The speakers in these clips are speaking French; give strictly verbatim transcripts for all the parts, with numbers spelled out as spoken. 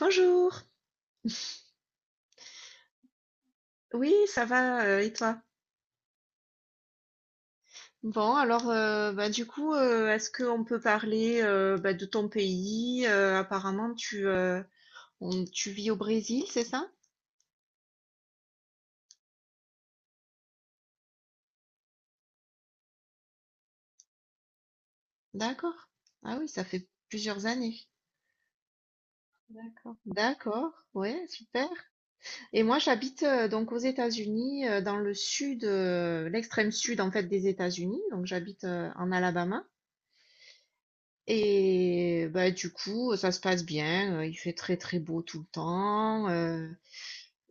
Bonjour. Oui, ça va, euh, et toi? Bon, alors, euh, bah, du coup, euh, est-ce qu'on peut parler euh, bah, de ton pays? Euh, apparemment, tu, euh, on- tu vis au Brésil, c'est ça? D'accord. Ah oui, ça fait plusieurs années. D'accord. D'accord, ouais, super. Et moi, j'habite euh, donc aux États-Unis, euh, dans le sud, euh, l'extrême sud en fait des États-Unis. Donc, j'habite euh, en Alabama. Et bah, du coup, ça se passe bien. euh, Il fait très très beau tout le temps. euh,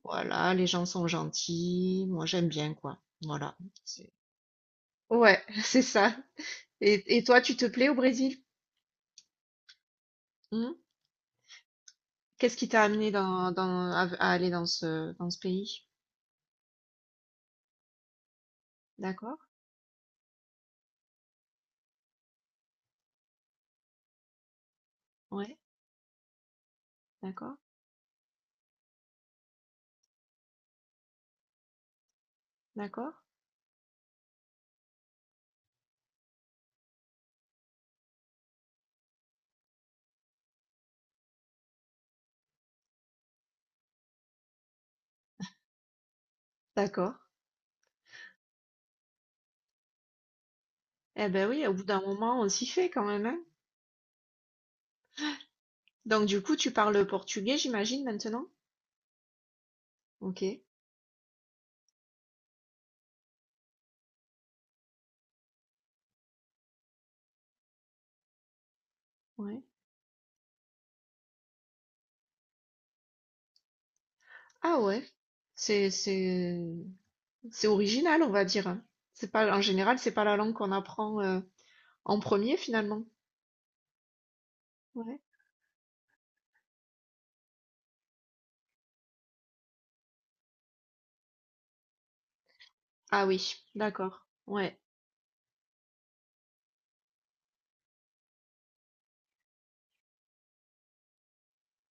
Voilà, les gens sont gentils. Moi, j'aime bien, quoi. Voilà. C'est- Ouais, c'est ça. Et, et toi, tu te plais au Brésil? Hmm. Qu'est-ce qui t'a amené dans, dans, à, à aller dans ce, dans ce pays? D'accord? Ouais, d'accord, d'accord, d'accord. Eh ben oui, au bout d'un moment, on s'y fait quand même, hein. Donc, du coup, tu parles portugais, j'imagine, maintenant? Ok, ouais. Ah ouais, c'est, c'est, c'est original, on va dire, hein. C'est pas, en général, c'est pas la langue qu'on apprend euh, en premier, finalement. Ah oui, d'accord. Ouais,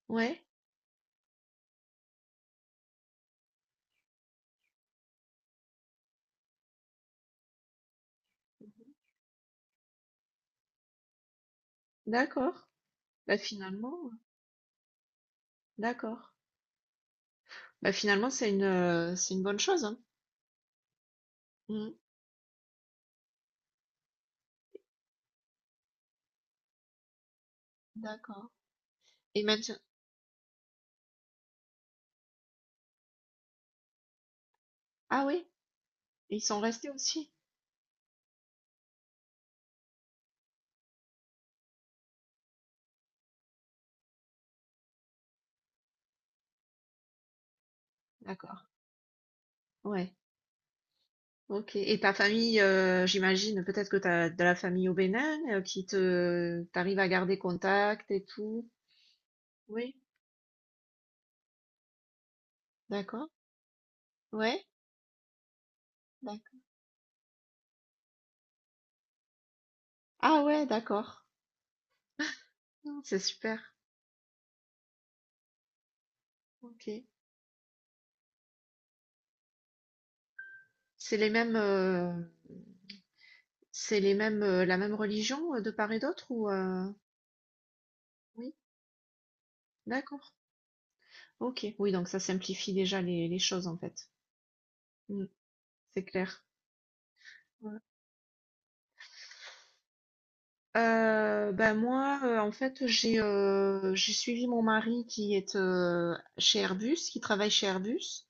ouais, d'accord. Bah finalement, euh, d'accord. Bah finalement, c'est une, euh, c'est une bonne chose, hein. Mm. D'accord. Et même, si- Ah oui, ils sont restés aussi. D'accord. Ouais. Ok. Et ta famille, euh, j'imagine, peut-être que tu as de la famille au Bénin, euh, qui te, t'arrive à garder contact et tout. Oui. D'accord. Ouais. D'accord. Ah ouais, d'accord. Non, c'est super. Ok. C'est les mêmes. euh, C'est les mêmes, heu, la même religion, heu, de part et d'autre ou, heu? Oui? D'accord. OK. Oui, donc ça simplifie déjà les les choses, en fait. Mmh. C'est clair. Ouais. Heu, bah, moi, heu, en fait, j'ai, heu, j'ai suivi mon mari qui est, heu, chez Airbus, qui travaille chez Airbus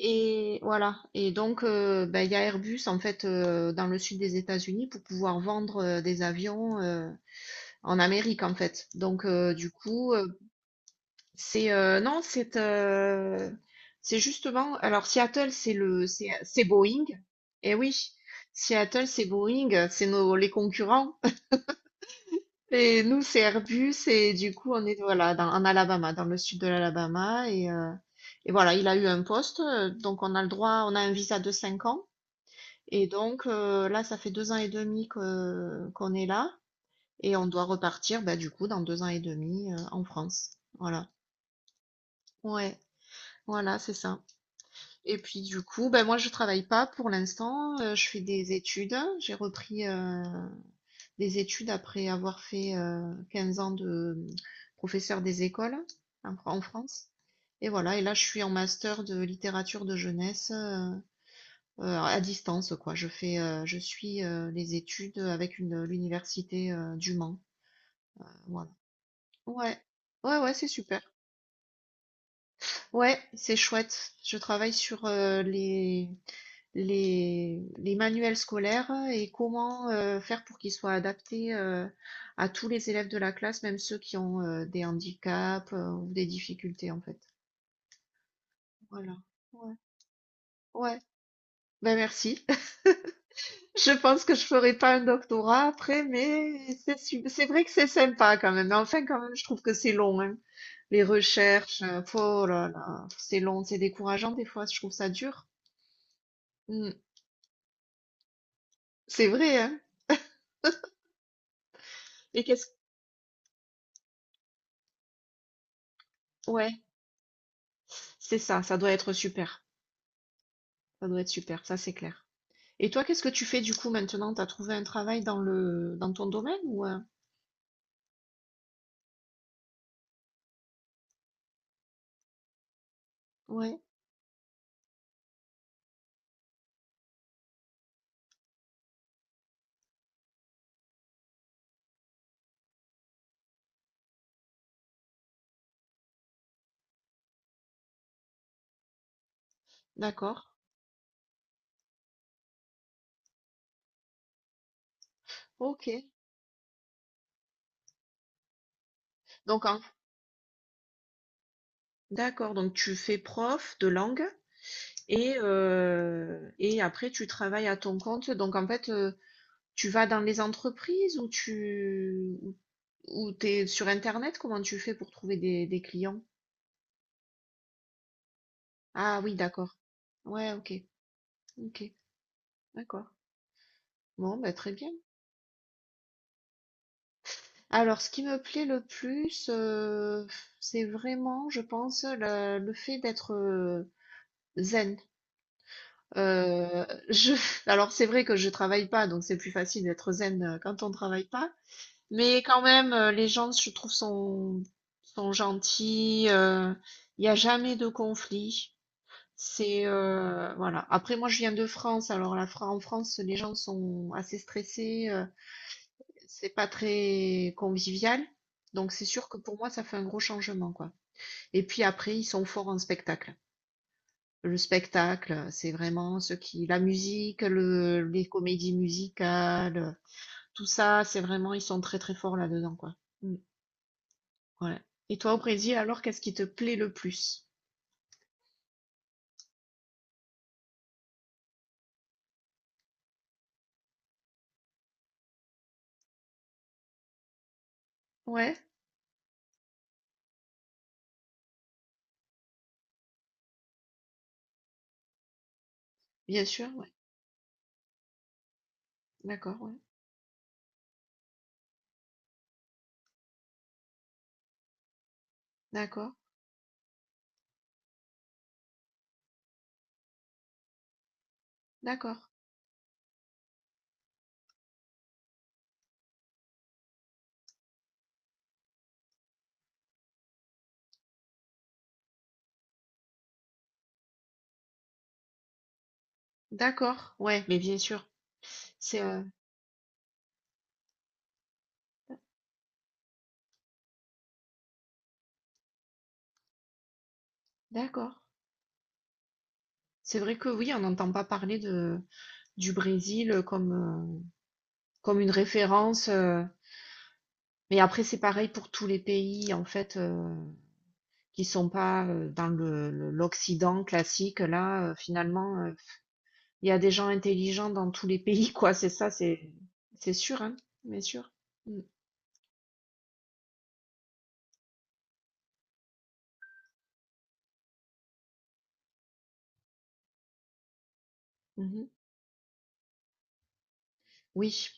et voilà. Et donc, heu, bah, il y a Airbus, en fait, heu, dans le sud des États-Unis pour pouvoir vendre, heu, des avions, heu, en Amérique, en fait. Donc, heu, du coup, euh, C'est euh, non, c'est euh, c'est justement. Alors Seattle, c'est le c'est c'est Boeing. Eh oui, Seattle, c'est Boeing, c'est nos les concurrents. Et nous, c'est Airbus. Et du coup, on est voilà dans, en Alabama, dans le sud de l'Alabama. Et euh, et voilà, il a eu un poste, euh, donc on a le droit, on a un visa de cinq ans. Et donc euh, là, ça fait deux ans et demi que qu'on est là, et on doit repartir, bah du coup, dans deux ans et demi euh, en France. Voilà. Ouais, voilà, c'est ça. Et puis du coup, ben moi je travaille pas pour l'instant, euh, je fais des études. J'ai repris euh, des études après avoir fait euh, quinze ans de professeur des écoles en, Fran- en France. Et voilà, et là je suis en master de littérature de jeunesse euh, euh, à distance quoi. Je fais, euh, je suis euh, les études avec une l'université euh, du Mans. Voilà. Ouais, ouais, ouais, c'est super. Ouais, c'est chouette. Je travaille sur euh, les, les, les manuels scolaires et comment euh, faire pour qu'ils soient adaptés euh, à tous les élèves de la classe, même ceux qui ont euh, des handicaps euh, ou des difficultés en fait. Voilà. Ouais. Ouais. Ben merci. Je pense que je ferai pas un doctorat après, mais c'est su- c'est vrai que c'est sympa quand même. Mais enfin, quand même, je trouve que c'est long, hein. Les recherches, euh, oh là là, c'est long, c'est décourageant des fois. Je trouve ça dur. Mm. C'est vrai, hein. Et qu'est-ce Ouais, c'est ça, ça doit être super. Ça doit être super, ça c'est clair. Et toi, qu'est-ce que tu fais du coup maintenant? T'as trouvé un travail dans le dans ton domaine ou euh, ouais, d'accord. OK. Donc en- d'accord, donc tu fais prof de langue et euh, et après tu travailles à ton compte. Donc en fait, euh, tu vas dans les entreprises ou tu ou ou t'es sur Internet, comment tu fais pour trouver des, des clients? Ah oui, d'accord. Ouais, OK. OK. D'accord. Bon, bah, très bien. Alors, ce qui me plaît le plus, euh, c'est vraiment, je pense, le, le fait d'être euh, zen. Euh, je, alors, c'est vrai que je travaille pas, donc c'est plus facile d'être zen euh, quand on travaille pas. Mais quand même, euh, les gens, je trouve, sont, sont gentils. euh, Il n'y a jamais de conflit. C'est euh, voilà. Après, moi, je viens de France. Alors, la, Fran- en France, les gens sont assez stressés. Euh, c'est pas très convivial. Donc c'est sûr que pour moi, ça fait un gros changement, quoi. Et puis après, ils sont forts en spectacle. Le spectacle, c'est vraiment ce qui, la musique, le, les comédies musicales, tout ça, c'est vraiment, ils sont très très forts là-dedans, quoi. Mm. Ouais. Et toi, au Brésil, alors, qu'est-ce qui te plaît le plus? Ouais, bien sûr, ouais. D'accord, ouais. D'accord, d'accord, d'accord, ouais, mais bien sûr. C'est euh, d'accord. C'est vrai que oui, on n'entend pas parler de, du Brésil comme, euh, comme une référence. Euh, mais après, c'est pareil pour tous les pays, en fait, euh, qui sont pas euh, dans le, le- l'Occident classique. Là, euh, finalement, euh, il y a des gens intelligents dans tous les pays, quoi. C'est ça, c'est, c'est sûr, hein, bien sûr. Mm, mhm. Oui.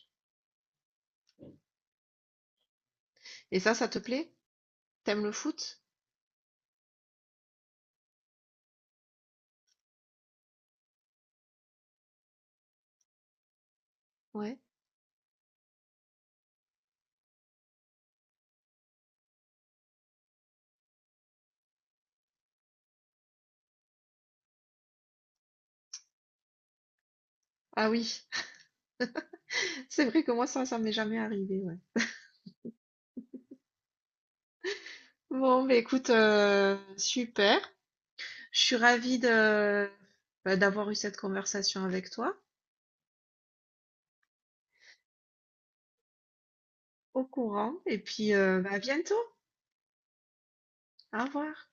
Et ça, ça te plaît? T'aimes le foot? Ouais. Ah oui, c'est vrai que moi, ça, ça m'est jamais arrivé, ouais. Bon, bah écoute, euh, super. Je suis ravie de, bah, d'avoir eu cette conversation avec toi. Au courant et puis euh, bah, à bientôt. Au revoir.